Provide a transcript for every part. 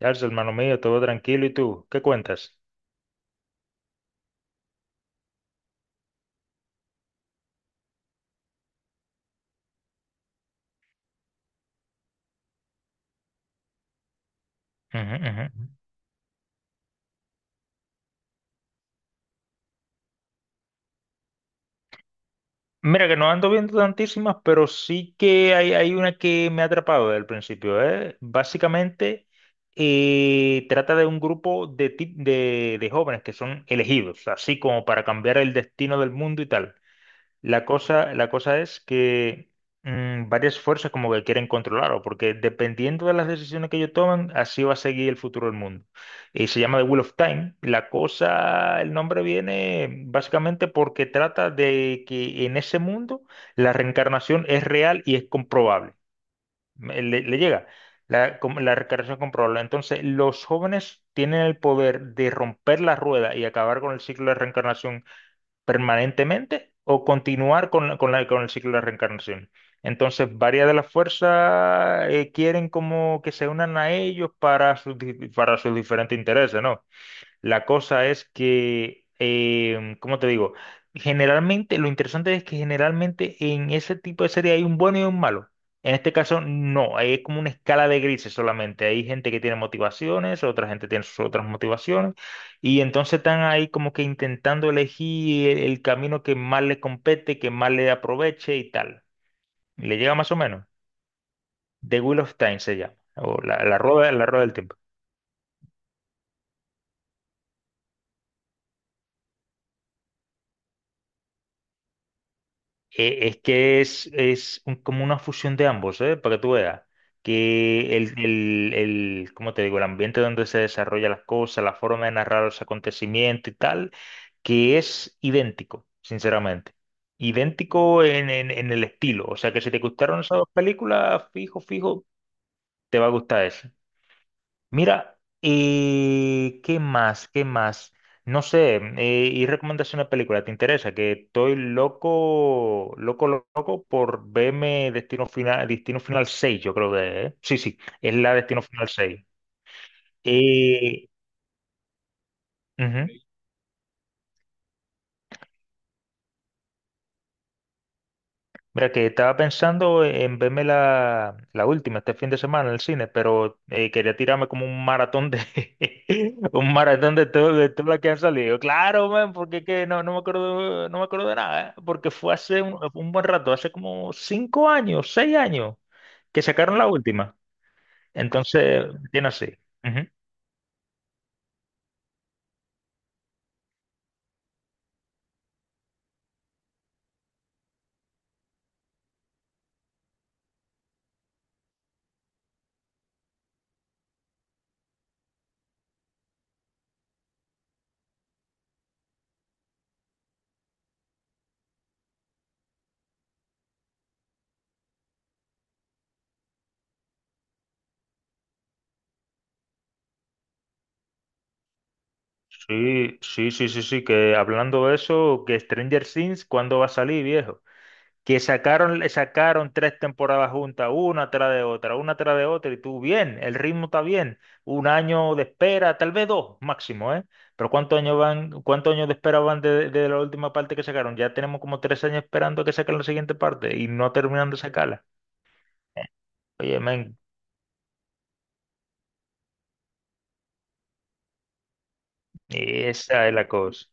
Yarzo, hermano mío, todo tranquilo. ¿Y tú? ¿Qué cuentas? Ujú, ujú. Ujú. Mira que no ando viendo tantísimas, pero sí que hay una que me ha atrapado desde el principio, ¿eh? Básicamente trata de un grupo de jóvenes que son elegidos, así como para cambiar el destino del mundo y tal. La cosa es que varias fuerzas como que quieren controlarlo, porque dependiendo de las decisiones que ellos toman, así va a seguir el futuro del mundo. Y se llama The Wheel of Time. La cosa, el nombre viene básicamente porque trata de que en ese mundo la reencarnación es real y es comprobable. Le llega la reencarnación comprobable. Entonces, los jóvenes tienen el poder de romper la rueda y acabar con el ciclo de reencarnación permanentemente o continuar con el ciclo de la reencarnación. Entonces, varias de las fuerzas quieren como que se unan a ellos para sus diferentes intereses, ¿no? La cosa es que, ¿cómo te digo? Generalmente, lo interesante es que generalmente en ese tipo de serie hay un bueno y un malo. En este caso, no, ahí es como una escala de grises solamente. Hay gente que tiene motivaciones, otra gente tiene sus otras motivaciones, y entonces están ahí como que intentando elegir el camino que más le compete, que más le aproveche y tal. Le llega más o menos. The Wheel of Time se llama, o la rueda, la rueda del tiempo. Es que es como una fusión de ambos, ¿eh? Para que tú veas. Que el, ¿cómo te digo? El ambiente donde se desarrollan las cosas, la forma de narrar los acontecimientos y tal, que es idéntico, sinceramente. Idéntico en el estilo. O sea que si te gustaron esas dos películas, fijo, fijo, te va a gustar esa. Mira, ¿y qué más? ¿Qué más? No sé, ¿y recomendación de película? ¿Te interesa? Que estoy loco, loco, loco por verme Destino Final, Destino Final 6, yo creo que es, ¿eh? Sí, sí, es la Destino Final 6. Eh, Ujú. Mira, que estaba pensando en verme la última este fin de semana en el cine, pero quería tirarme como un maratón de un maratón de todo, de todas las que han salido. Claro, man, porque es que no me acuerdo de nada, ¿eh? Porque fue hace un buen rato, hace como 5 años, 6 años, que sacaron la última. Entonces, tiene así. Ujú. Sí, sí, sí, sí, sí, que hablando de eso, que Stranger Things, ¿cuándo va a salir, viejo? Que sacaron tres temporadas juntas, una tras de otra, una tras de otra, y tú bien, el ritmo está bien, un año de espera, tal vez dos máximo, ¿eh? Pero ¿cuántos años de espera van de la última parte que sacaron? Ya tenemos como 3 años esperando que saquen la siguiente parte y no terminan de sacarla. Oye, men, esa es la cosa.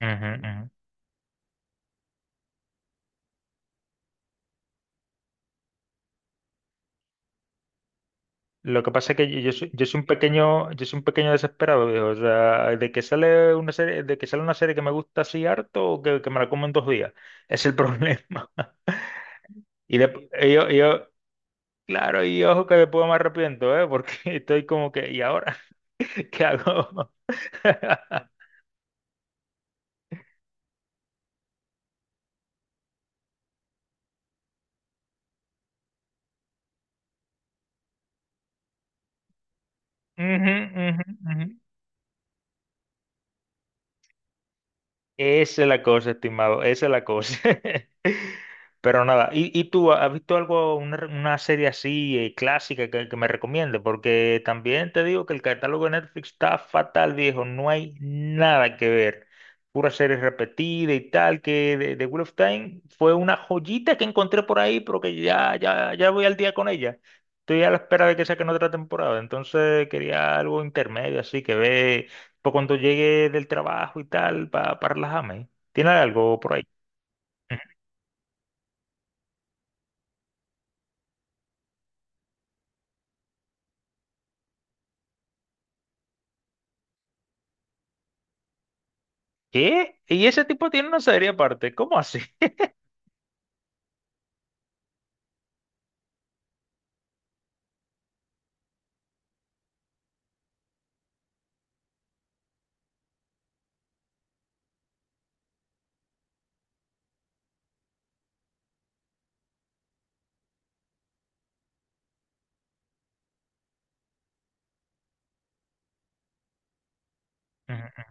Ujú, ujú. Lo que pasa es que yo soy un pequeño desesperado, viejo. O sea, de que sale una serie que me gusta así harto o que me la como en 2 días. Es el problema. Y, de- y yo, y yo- claro, y ojo que después me arrepiento, ¿eh? Porque estoy como que, ¿y ahora qué hago? Ujú, ujú, ujú. Esa es la cosa, estimado, esa es la cosa. Pero nada, ¿y tú has visto algo, una serie así clásica que me recomiende? Porque también te digo que el catálogo de Netflix está fatal, viejo, no hay nada que ver. Pura serie repetida y tal, que de Wheel of Time fue una joyita que encontré por ahí, pero que ya, ya, ya voy al día con ella. Estoy a la espera de que saquen otra temporada, entonces quería algo intermedio, así que ve. Para cuando llegue del trabajo y tal, para relajarme. ¿Tiene algo por ahí? Ujú. ¿Qué? ¿Y ese tipo tiene una serie aparte? ¿Cómo así? Ujú,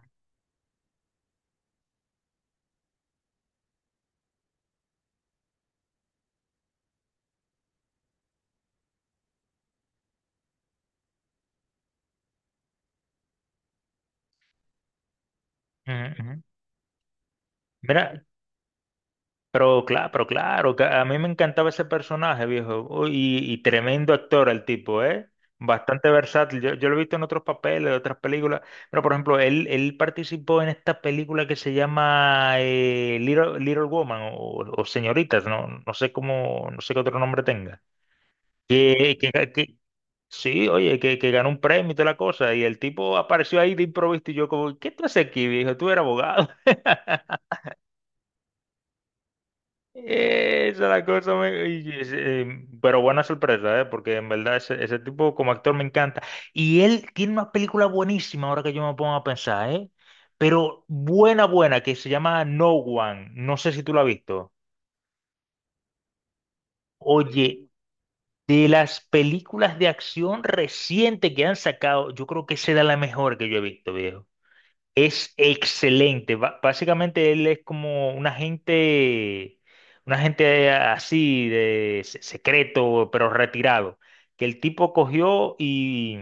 ujú, ujú. Mira, pero claro, que a mí me encantaba ese personaje, viejo. Uy, y tremendo actor el tipo, ¿eh? Bastante versátil. Yo lo he visto en otros papeles, en otras películas. Pero, por ejemplo, él participó en esta película que se llama Little Woman o Señoritas, ¿no? No sé cómo, no sé qué otro nombre tenga. Que, que, que- Sí, oye, que ganó un premio y toda la cosa. Y el tipo apareció ahí de improviso y yo como, ¿qué tú haces aquí, viejo? Tú eres abogado. Esa es la cosa. Pero buena sorpresa, ¿eh? Porque en verdad ese tipo como actor me encanta. Y él tiene una película buenísima ahora que yo me pongo a pensar, ¿eh? Pero buena, buena, que se llama No One. No sé si tú la has visto. Oye, de las películas de acción reciente que han sacado, yo creo que será la mejor que yo he visto, viejo. Es excelente. Básicamente él es como un agente, así de secreto, pero retirado. Que el tipo cogió y,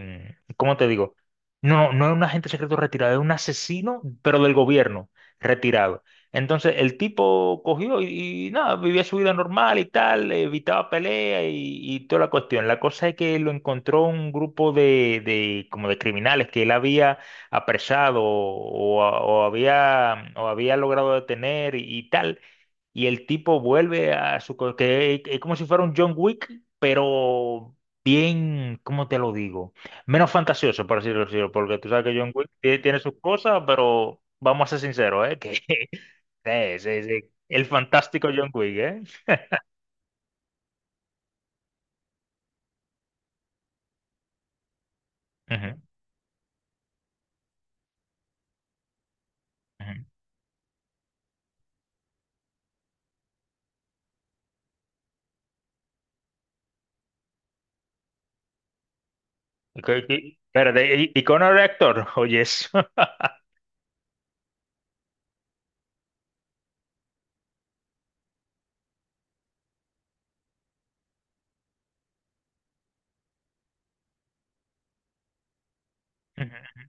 ¿cómo te digo? No, no es un agente secreto retirado, es un asesino, pero del gobierno retirado. Entonces el tipo cogió y nada, vivía su vida normal y tal, evitaba pelea y toda la cuestión. La cosa es que lo encontró un grupo de como de criminales que él había apresado o había logrado detener y tal. Y el tipo vuelve que es como si fuera un John Wick, pero bien, ¿cómo te lo digo? Menos fantasioso, por decirlo así, porque tú sabes que John Wick tiene sus cosas, pero vamos a ser sinceros, ¿eh? Que, sí, sí, sí. El fantástico John Wick, ¿eh? Ujú, ujú. Ok, ok. Espérate, ¿y Connor era actor? Oye, eso. Ujú,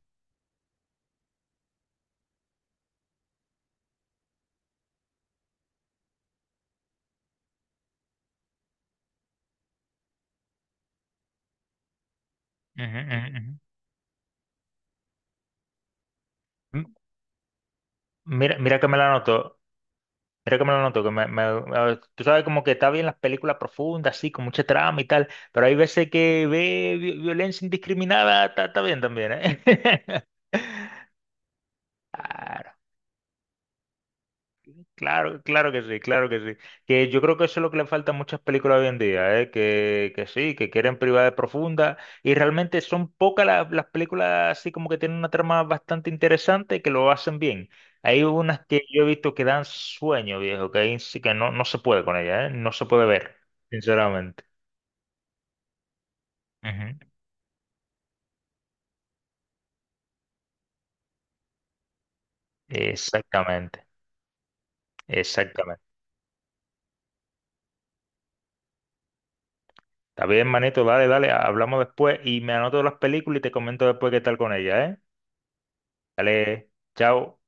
ujú, ujú, ujú. M- Mira, mira que me la anoto. Creo que me lo noto, que me- a- tú sabes como que está bien las películas profundas, así, con mucha trama y tal, pero hay veces que violencia indiscriminada, está bien también, ¿eh? Claro, claro que sí, claro que sí. Que yo creo que eso es lo que le falta a muchas películas hoy en día, ¿eh? Que sí, que quieren privacidad profunda y realmente son pocas las películas así como que tienen una trama bastante interesante que lo hacen bien. Hay unas que yo he visto que dan sueño, viejo, que, ahí sí que no se puede con ellas, ¿eh? No se puede ver, sinceramente. Ujú. Exactamente, exactamente. Está bien, manito, dale, dale, hablamos después y me anoto las películas y te comento después qué tal con ellas, ¿eh? Dale, chao.